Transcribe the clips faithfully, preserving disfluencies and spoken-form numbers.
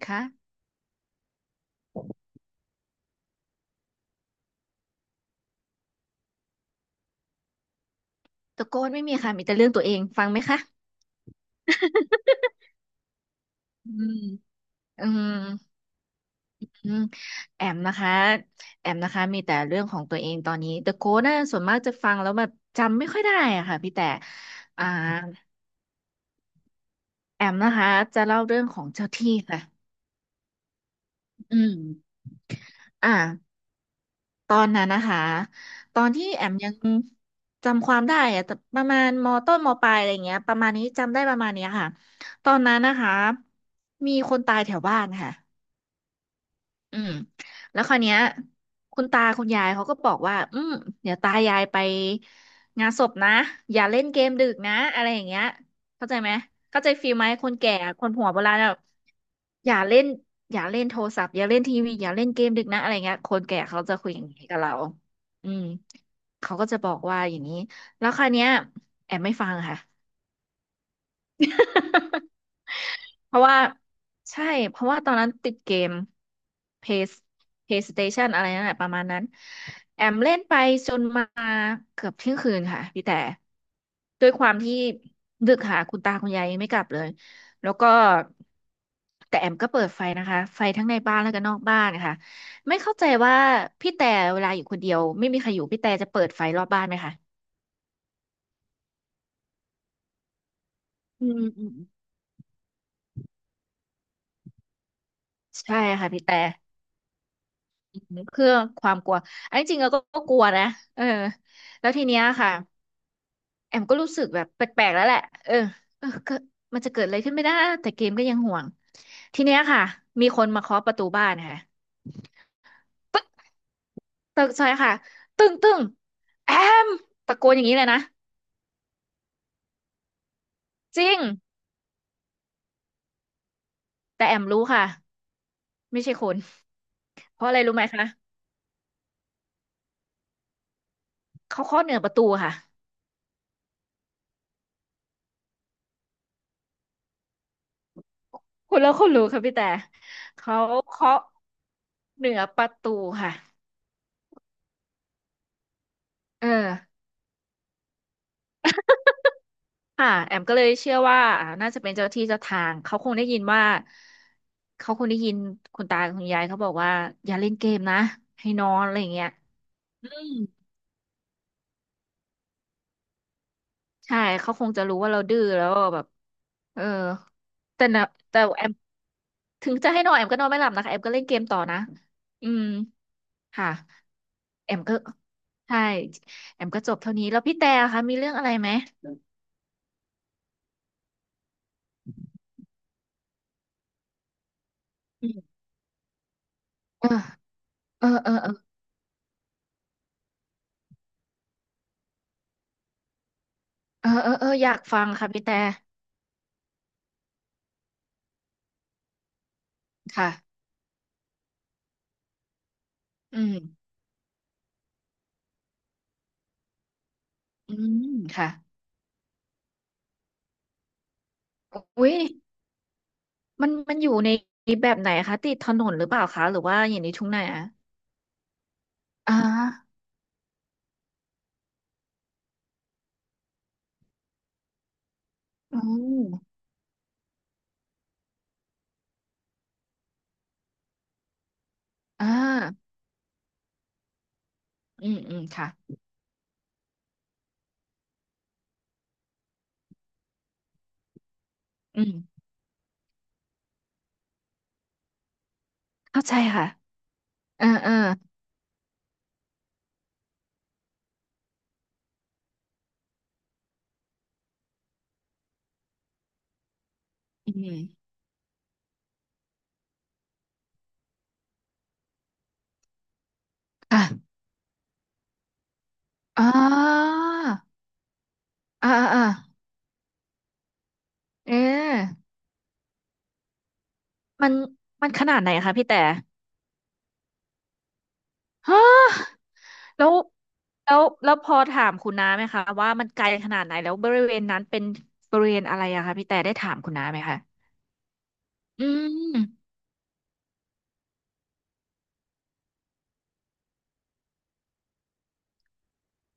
คะตะโกนไม่มีค่ะมีแต่เรื่องตัวเองฟังไหมคะอืมอืมอืมแอมนะคะแอมนะคะมีแต่เรื่องของตัวเองตอนนี้ The Code น่ะส่วนมากจะฟังแล้วแบบจำไม่ค่อยได้อะค่ะพี่แต่อ่าแอมนะคะจะเล่าเรื่องของเจ้าที่ค่ะอืมอ่าตอนนั้นนะคะตอนที่แอมยังจำความได้อะแต่ประมาณมต้นมปลายอะไรเงี้ยประมาณนี้จำได้ประมาณเนี้ยค่ะตอนนั้นนะคะมีคนตายแถวบ้านค่ะ อืมแล้วคราวเนี้ยคุณตาคุณยายเขาก็บอกว่าอืมเดี๋ยวตายายไปงานศพนะอย่าเล่นเกมดึกนะอะไรอย่างเงี้ยเข้าใจไหมเข้าใจฟีลไหมคนแก่คนหัวโบราณแบบอย่าเล่นอย่าเล่นโทรศัพท์อย่าเล่นทีวีอย่าเล่นเกมดึกนะอะไรเงี้ยคนแก่เขาจะคุยอย่างนี้กับเราอืมเขาก็จะบอกว่าอย่างนี้แล้วคราวเนี้ยแอบไม่ฟังค่ะ เพราะว่าใช่เพราะว่าตอนนั้นติดเกม Play PlayStation อะไรนั่นแหละประมาณนั้นแอมเล่นไปจนมาเกือบเที่ยงคืนค่ะพี่แต่ด้วยความที่ดึกค่ะคุณตาคุณยายยังไม่กลับเลยแล้วก็แต่แอมก็เปิดไฟนะคะไฟทั้งในบ้านแล้วก็นอกบ้านนะคะไม่เข้าใจว่าพี่แต่เวลาอยู่คนเดียวไม่มีใครอยู่พี่แต่จะเปิดไฟรอบบ้านไหมคะอืมอืมอืมใช่ค่ะพี่แต่ เพื่อความกลัวอันที่จริงเราก็ก็กลัวนะเออแล้วทีเนี้ยค่ะแอมก็รู้สึกแบบแปลกๆแล้วแหละเออเออเกิดมันจะเกิดอะไรขึ้นไม่ได้แต่เกมก็ยังห่วงทีเนี้ยค่ะมีคนมาเคาะประตูบ้านค่ะตึกซอยค่ะตึ้งตึ้งแอมตะโกนอย่างนี้เลยนะจริงแต่แอมรู้ค่ะไม่ใช่คนเพราะอะไรรู้ไหมคะเขาเคาะเหนือประตูค่ะคุณแล้วคุณรู้ค่ะพี่แต่เขาเคาะเหนือประตูค่ะเออ ค่ะแอมก็เลยเชื่อว่าอ่าน่าจะเป็นเจ้าที่เจ้าทางเขาคงได้ยินว่าเขาคงได้ยินคุณตาคุณยายเขาบอกว่าอย่าเล่นเกมนะให้นอนอะไรอย่างเงี้ยอืมใช่เขาคงจะรู้ว่าเราดื้อแล้วแบบเออแต่นะแต่แอมถึงจะให้นอนแอมก็นอนไม่หลับนะคะแอมก็เล่นเกมต่อนะอืมค่ะแอมก็ใช่แอมก็จบเท่านี้แล้วพี่แต่คะมีเรื่องอะไรไหมอืมเออเออเออเออเออเออเอออยากฟังค่ะพี่แต่ค่ะอืม อืมค่ะอุ้ยมันมันอยู่ในแบบไหนคะติดถนนหรือเปล่าคะหรือว่าอยู่ในทุ่งนาอ่าอืมอ่าอืมอืมค่ะอืมเข้าใจค่ะเออเอออืมค่ะอ่าอ่าอ่าเออมันมันขนาดไหนคะพี่แต่ฮะแล้วแล้วแล้วพอถามคุณน้าไหมคะว่ามันไกลขนาดไหนแล้วบริเวณนั้นเป็นบริเวณอะไรอะคะพี่แต่ได้ถามคุณน้าไหมคะอืม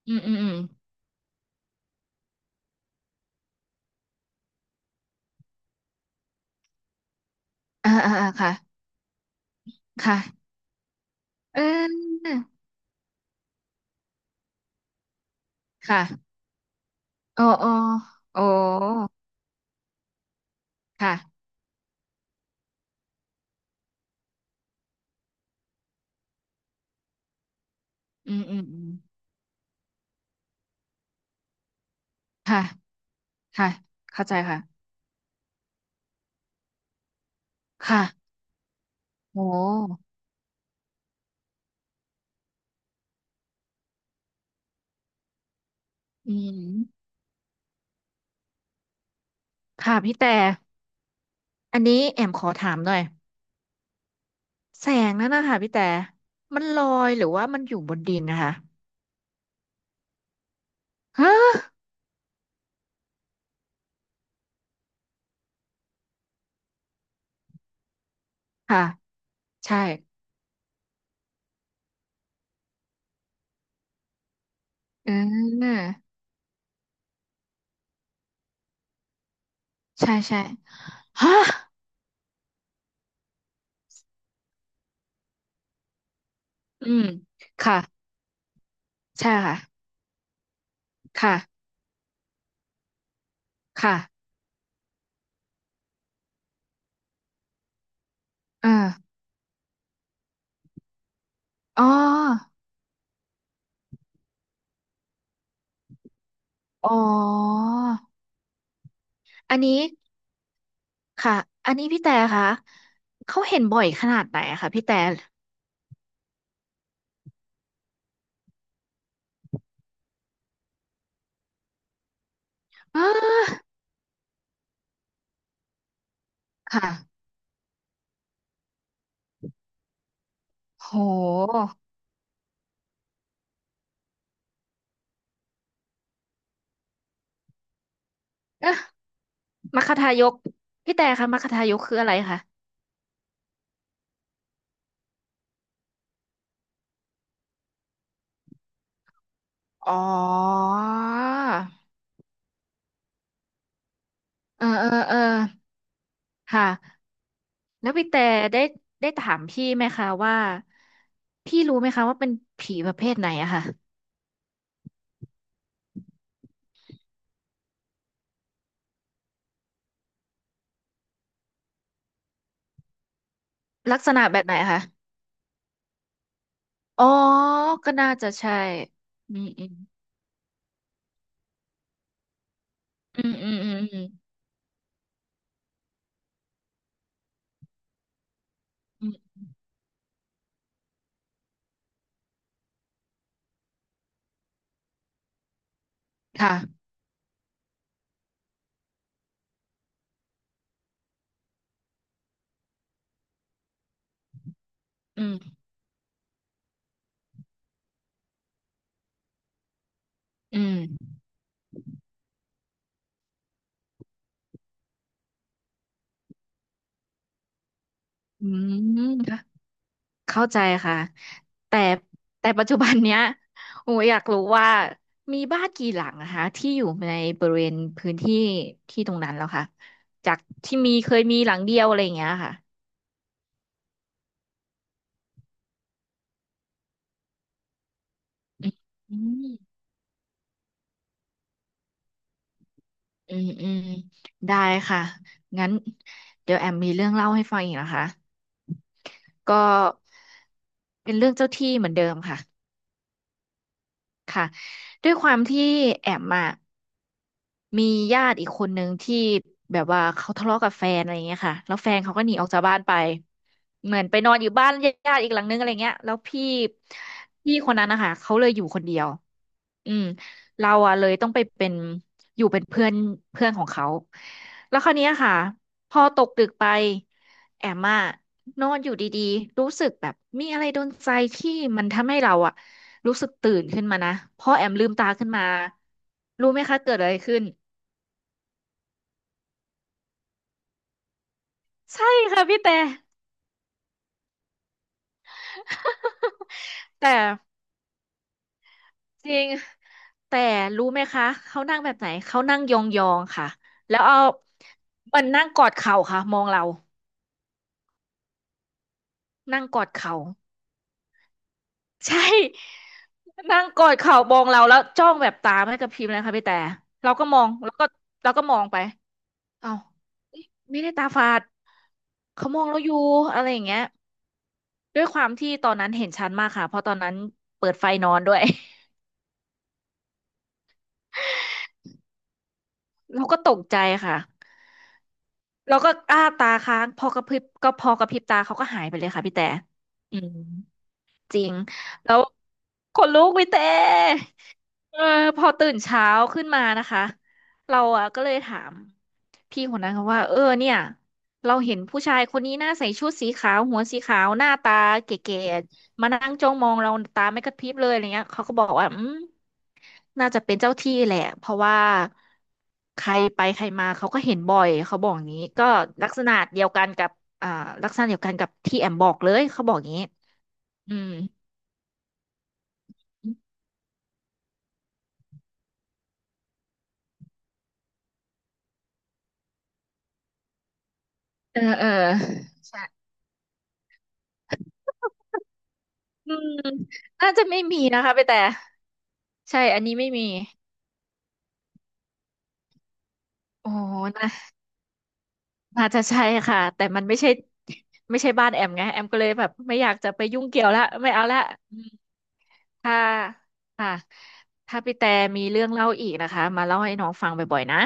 อืมอืมอืม อ่าอ่าอ่าค่ะค่ะเออค่ะอ๋ออ๋อโอ้ค่ะอืมอืมอืมค่ะค่ะเข้าใจค่ะค่ะโอ้อืมค่ะพี่แต่อันนี้แอมขอถามหน่อยแสงนั่นนะคะพี่แต่มันลอยหรือว่ามันอยู่บนดินนะคะฮะค่ะใช่เออใช่ใช่ฮะอืมค่ะใช่ค่ะค่ะค่ะเอออ๋ออ๋อ อันนี้ค่ะอันนี้พี่แต่ค่ะเขาเห็นบ่อยขนาดไหนอะคะพี่แต่อ้าค่ะโหเอ๊ะมัคคทายก พี่แต่คะมัคคทายกคืออะไรคะอ๋อเออเออเออ ค่ะ แล้วพี่แต่ได้ได้ถามพี่ไหมคะว่า พี่รู้ไหมคะว่าเป็นผีประเภทไหนอะค่ะลักษณะแบบไหนอะคะอ๋อก็น่าจะใช่ อืมอืมอืมอืมอืมอืมอืมค่ะ อืม อืม อืมค่ะเข้าใจค่ะแต่แต่ปัจจุบันเนี้ยโอ้อยากรู้ว่ามีบ้านกี่หลังนะคะที่อยู่ในบริเวณพื้นที่ที่ตรงนั้นแล้วค่ะจากที่มีเคยมีหลังเดียวอะไรอย่างเงี้ยค่ะอืมอืมอืมได้ค่ะงั้นเดี๋ยวแอมมีเรื่องเล่าให้ฟังอีกนะคะก็เป็นเรื่องเจ้าที่เหมือนเดิมค่ะค่ะด้วยความที่แอมอ่ะ มีญาติอีกคนนึงที่แบบว่าเขาทะเลาะกับแฟนอะไรเงี้ยค่ะแล้วแฟนเขาก็หนีออกจากบ้านไปเหมือนไปนอนอยู่บ้านญาติอีกหลังนึงอะไรเงี้ยแล้วพี่พี่คนนั้นนะคะเขาเลยอยู่คนเดียวอืมเราอะเลยต้องไปเป็นอยู่เป็นเพื่อนเพื่อนของเขาแล้วคราวเนี้ยค่ะพอตกดึกไปแอมอะนอนอยู่ดีๆรู้สึกแบบมีอะไรโดนใจที่มันทำให้เราอะรู้สึกตื่นขึ้นมานะพอแอมลืมตาขึ้นมารู้ไหมคะเกิดอะไรขึ้น ใช่ค่ะพี่แต่แต่จริงแต่รู้ไหมคะเขานั่งแบบไหนเขานั่งยองๆค่ะแล้วเอามันนั่งกอดเข่าค่ะมองเรานั่งกอดเข่าใช่นั่งกอดเข่ามองเราแล้วจ้องแบบตาไม่กระพริบเลยค่ะพี่แต่เราก็มองแล้วก็เราก็มองไปเอ้าเอ๊ะไม่ได้ตาฝาดเขามองเราอยู่อะไรอย่างเงี้ยด้วยความที่ตอนนั้นเห็นชัดมากค่ะเพราะตอนนั้นเปิดไฟนอนด้วย เราก็ตกใจค่ะ แล้วก็อ้าตาค้างพอกระพริบก็พอกระพริบตาเขาก็หายไปเลยค่ะพี่แต่อืมจริงแล้วคนลุกพี่แต่เออพอตื่นเช้าขึ้นมานะคะเราอ่ะก็เลยถาม พี่คนนั้นเขาว่าเออเนี่ยเราเห็นผู้ชายคนนี้หน้าใส่ชุดสีขาวหัวสีขาวหน้าตาเก๋ๆมานั่งจ้องมองเราตาไม่กระพริบเลยอะไรเงี้ยเขาก็บอกว่าอืมน่าจะเป็นเจ้าที่แหละเพราะว่าใครไปใครมาเขาก็เห็นบ่อยเขาบอกอย่างนี้ก็ลักษณะเดียวกันกับอ่าลักษณะเดียวกันกับที่แอมบอกเลยเขาบอกอย่างนี้อืมเออเออใช่อืมน่าจะไม่มีนะคะไปแต่ใช่อันนี้ไม่มีโอ้ น่าจะใช่ค่ะแต่มันไม่ใช่ ไม่ใช่บ้านแอมไงแอมก็เลยแบบไม่อยากจะไปยุ่งเกี่ยวละไม่เอาละอืมถ้าค่ะถ้าพี่แต่มีเรื่องเล่าอีกนะคะมาเล่าให้น้องฟังบ่อยๆนะ